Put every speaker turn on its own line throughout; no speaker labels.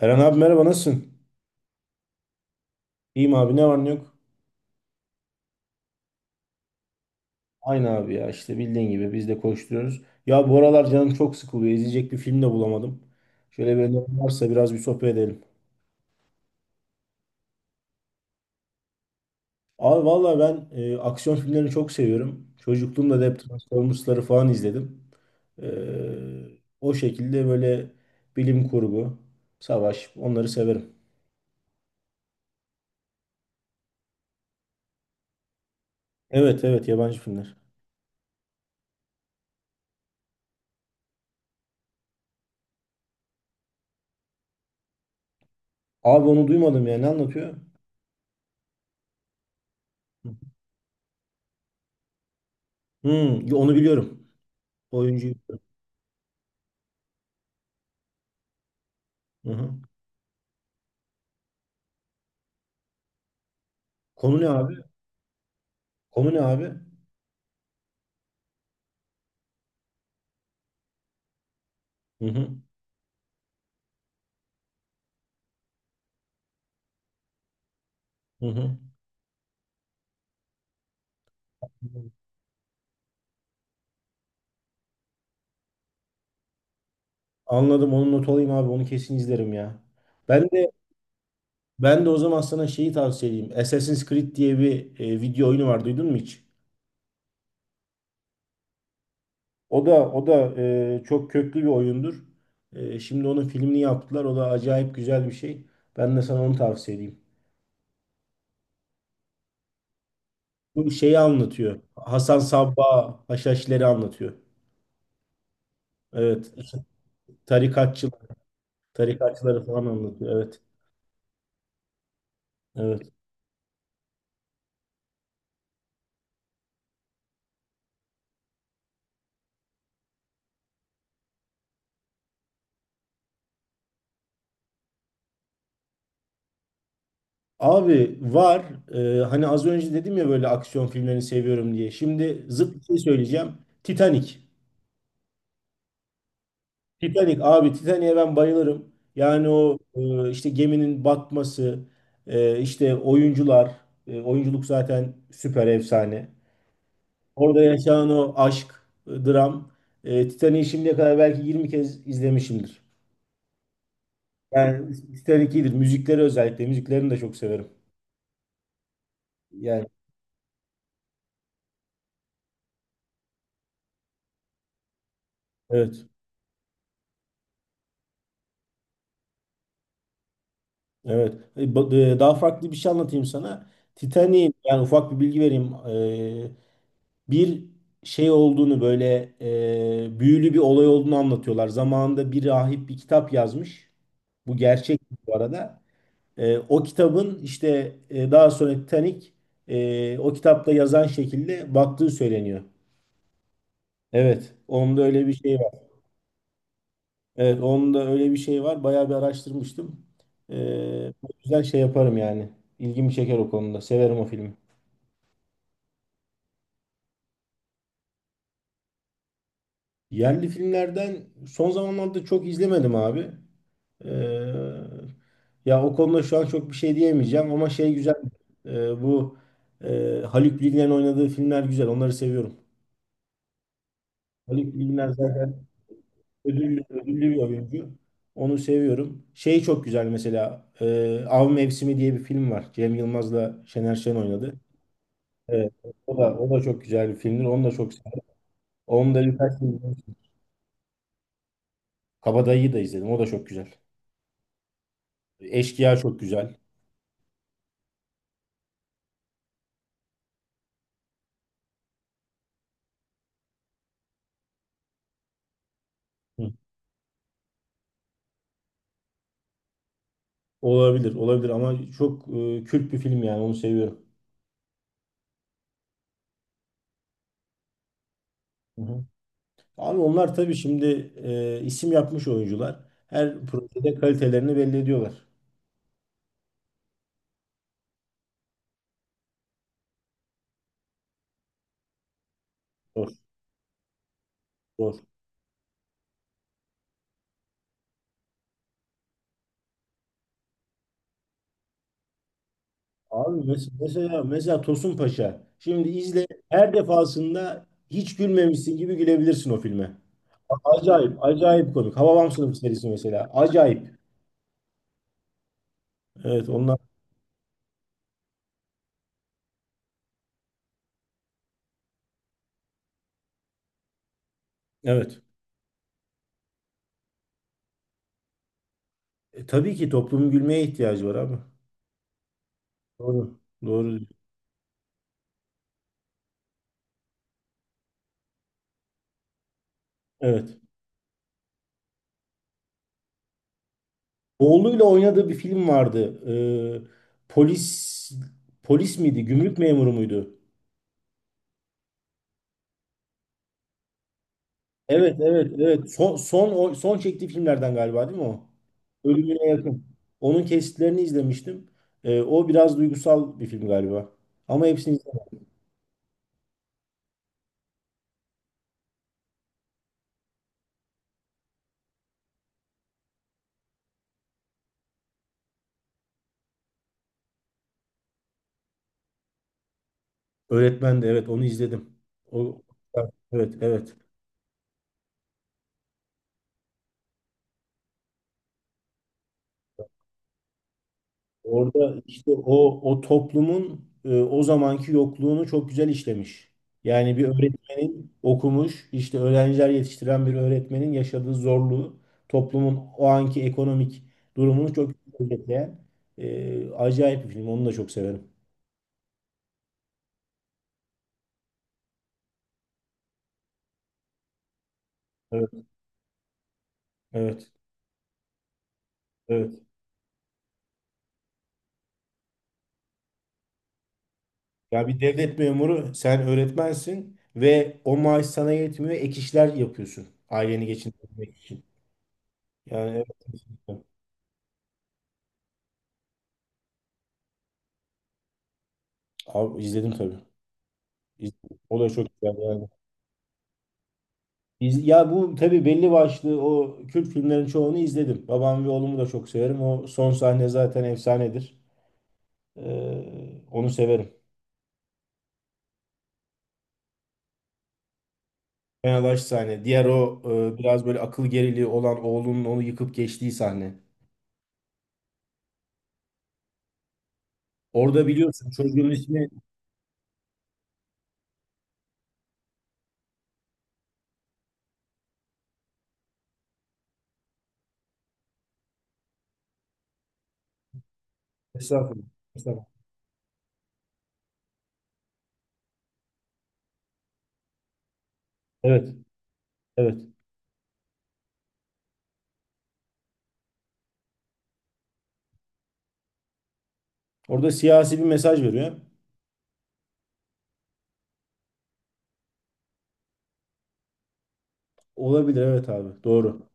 Eren abi merhaba nasılsın? İyiyim abi ne var ne yok? Aynı abi ya işte bildiğin gibi biz de koşturuyoruz. Ya bu aralar canım çok sıkılıyor. İzleyecek bir film de bulamadım. Şöyle bir önerim varsa biraz bir sohbet edelim. Abi valla ben aksiyon filmlerini çok seviyorum. Çocukluğumda da hep Transformers'ları falan izledim. E, O şekilde böyle bilim kurgu, savaş onları severim. Evet evet, yabancı filmler. Abi onu duymadım ya, ne anlatıyor? Hmm, onu biliyorum. Oyuncuyu biliyorum. Hı hı. Konu ne abi? Konu ne abi? Hı hı. Hı hı. Anladım. Onu not alayım abi. Onu kesin izlerim ya. Ben de ben de o zaman sana şeyi tavsiye edeyim. Assassin's Creed diye bir video oyunu var. Duydun mu hiç? O da çok köklü bir oyundur. Şimdi onun filmini yaptılar. O da acayip güzel bir şey. Ben de sana onu tavsiye edeyim. Bu şeyi anlatıyor. Hasan Sabbah Haşhaşileri anlatıyor. Evet. Tarikatçılar, tarikatçıları falan anlatıyor. Evet. Evet. Abi var. Ee, Hani az önce dedim ya böyle aksiyon filmlerini seviyorum diye. Şimdi zıt bir şey söyleyeceğim. Titanic. Titanic abi, Titanic'e ben bayılırım. Yani o işte geminin batması, işte oyuncular, oyunculuk zaten süper efsane. Orada yaşanan o aşk, dram. Titanic'i şimdiye kadar belki 20 kez izlemişimdir. Yani Titanic iyidir. Müzikleri özellikle. Müziklerini de çok severim. Yani evet. Evet. Daha farklı bir şey anlatayım sana. Titanic'in yani ufak bir bilgi vereyim. E, Bir şey olduğunu böyle büyülü bir olay olduğunu anlatıyorlar. Zamanında bir rahip bir kitap yazmış. Bu gerçek bu arada. O kitabın işte daha sonra Titanic o kitapta yazan şekilde baktığı söyleniyor. Evet. Onda öyle bir şey var. Evet, onun öyle bir şey var. Bayağı bir araştırmıştım. O şey yaparım yani. İlgimi çeker o konuda. Severim o filmi. Yerli filmlerden son zamanlarda çok izlemedim abi. Ee, Ya o konuda şu an çok bir şey diyemeyeceğim ama şey güzel. Ee, bu Haluk Bilginer'in oynadığı filmler güzel. Onları seviyorum. Haluk Bilginer zaten ödüllü bir oyuncu. Onu seviyorum. Şey çok güzel mesela. Av Mevsimi diye bir film var. Cem Yılmaz'la Şener Şen oynadı. Evet, o da çok güzel bir filmdir. Onu da çok severim. Onu da birkaç film izlemiştim. Kabadayı'yı da izledim. O da çok güzel. Eşkıya çok güzel. Hı. Olabilir, olabilir ama çok kült bir film yani, onu seviyorum. Hı hı. Abi onlar tabii şimdi isim yapmış oyuncular. Her projede kalitelerini belli ediyorlar. Zor, zor. Abi mesela mesela Tosun Paşa. Şimdi izle, her defasında hiç gülmemişsin gibi gülebilirsin o filme. Acayip, acayip komik. Hababam Sınıfı serisi mesela. Acayip. Evet onlar, evet. Tabii ki toplumun gülmeye ihtiyacı var abi. Doğru. Doğru, diyorsun. Evet. Oğluyla oynadığı bir film vardı. Ee, polis polis miydi? Gümrük memuru muydu? Evet, evet, evet. Son çektiği filmlerden galiba değil mi o? Ölümüne yakın. Onun kesitlerini izlemiştim. O biraz duygusal bir film galiba. Ama hepsini izlemedim. Öğretmen de evet, onu izledim. O, evet, evet. Orada işte o toplumun o zamanki yokluğunu çok güzel işlemiş. Yani bir öğretmenin okumuş, işte öğrenciler yetiştiren bir öğretmenin yaşadığı zorluğu, toplumun o anki ekonomik durumunu çok güzel özetleyen acayip bir film. Onu da çok severim. Evet, evet, evet. Ya bir devlet memuru, sen öğretmensin ve o maaş sana yetmiyor, ek işler yapıyorsun aileni geçindirmek için. Yani evet, kesinlikle. Abi, izledim tabii. İzledim. O da çok güzel yani. Ya bu tabii belli başlı o Kürt filmlerin çoğunu izledim. Babam ve oğlumu da çok severim. O son sahne zaten efsanedir. Onu severim. Fenabaş sahne. Diğer o biraz böyle akıl geriliği olan oğlunun onu yıkıp geçtiği sahne. Orada biliyorsun çocuğun ismi. Estağfurullah. Estağfurullah. Evet. Evet. Orada siyasi bir mesaj veriyor. Olabilir evet abi. Doğru.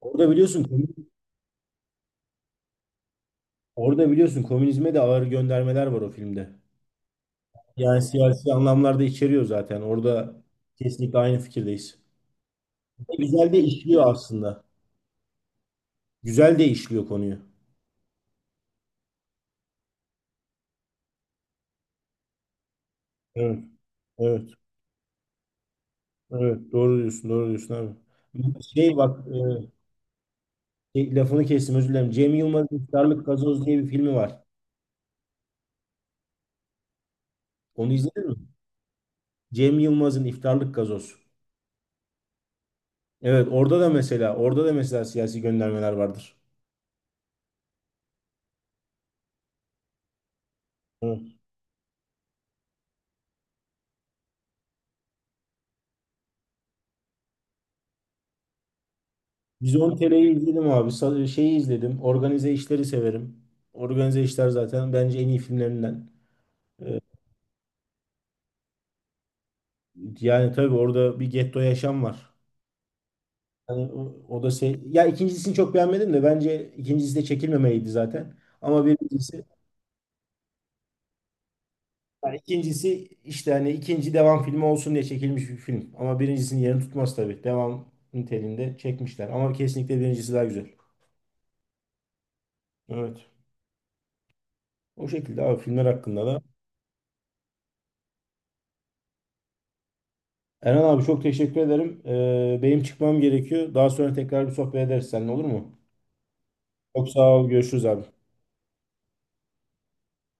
Orada biliyorsun orada biliyorsun komünizme de ağır göndermeler var o filmde. Yani siyasi anlamlarda içeriyor zaten. Orada kesinlikle aynı fikirdeyiz. Güzel de işliyor aslında. Güzel de işliyor konuyu. Evet, evet, evet. Doğru diyorsun abi. Şey bak, lafını kestim özür dilerim. Cem Yılmaz'ın İftarlık Gazoz diye bir filmi var. Onu izledin mi? Cem Yılmaz'ın İftarlık Gazoz. Evet, orada da mesela siyasi göndermeler vardır. Evet. Vizyon TR'yi izledim abi. Şeyi izledim. Organize işleri severim. Organize işler zaten bence en iyi filmlerinden. E, Yani tabii orada bir getto yaşam var. Yani o, o da şey. Ya ikincisini çok beğenmedim de bence ikincisi de çekilmemeliydi zaten. Ama birincisi yani ikincisi işte hani ikinci devam filmi olsun diye çekilmiş bir film. Ama birincisinin yerini tutmaz tabii. Devam niteliğinde çekmişler. Ama kesinlikle birincisi daha güzel. Evet. O şekilde abi, filmler hakkında da. Eren abi çok teşekkür ederim. Benim çıkmam gerekiyor. Daha sonra tekrar bir sohbet ederiz seninle, olur mu? Çok sağ ol. Görüşürüz abi.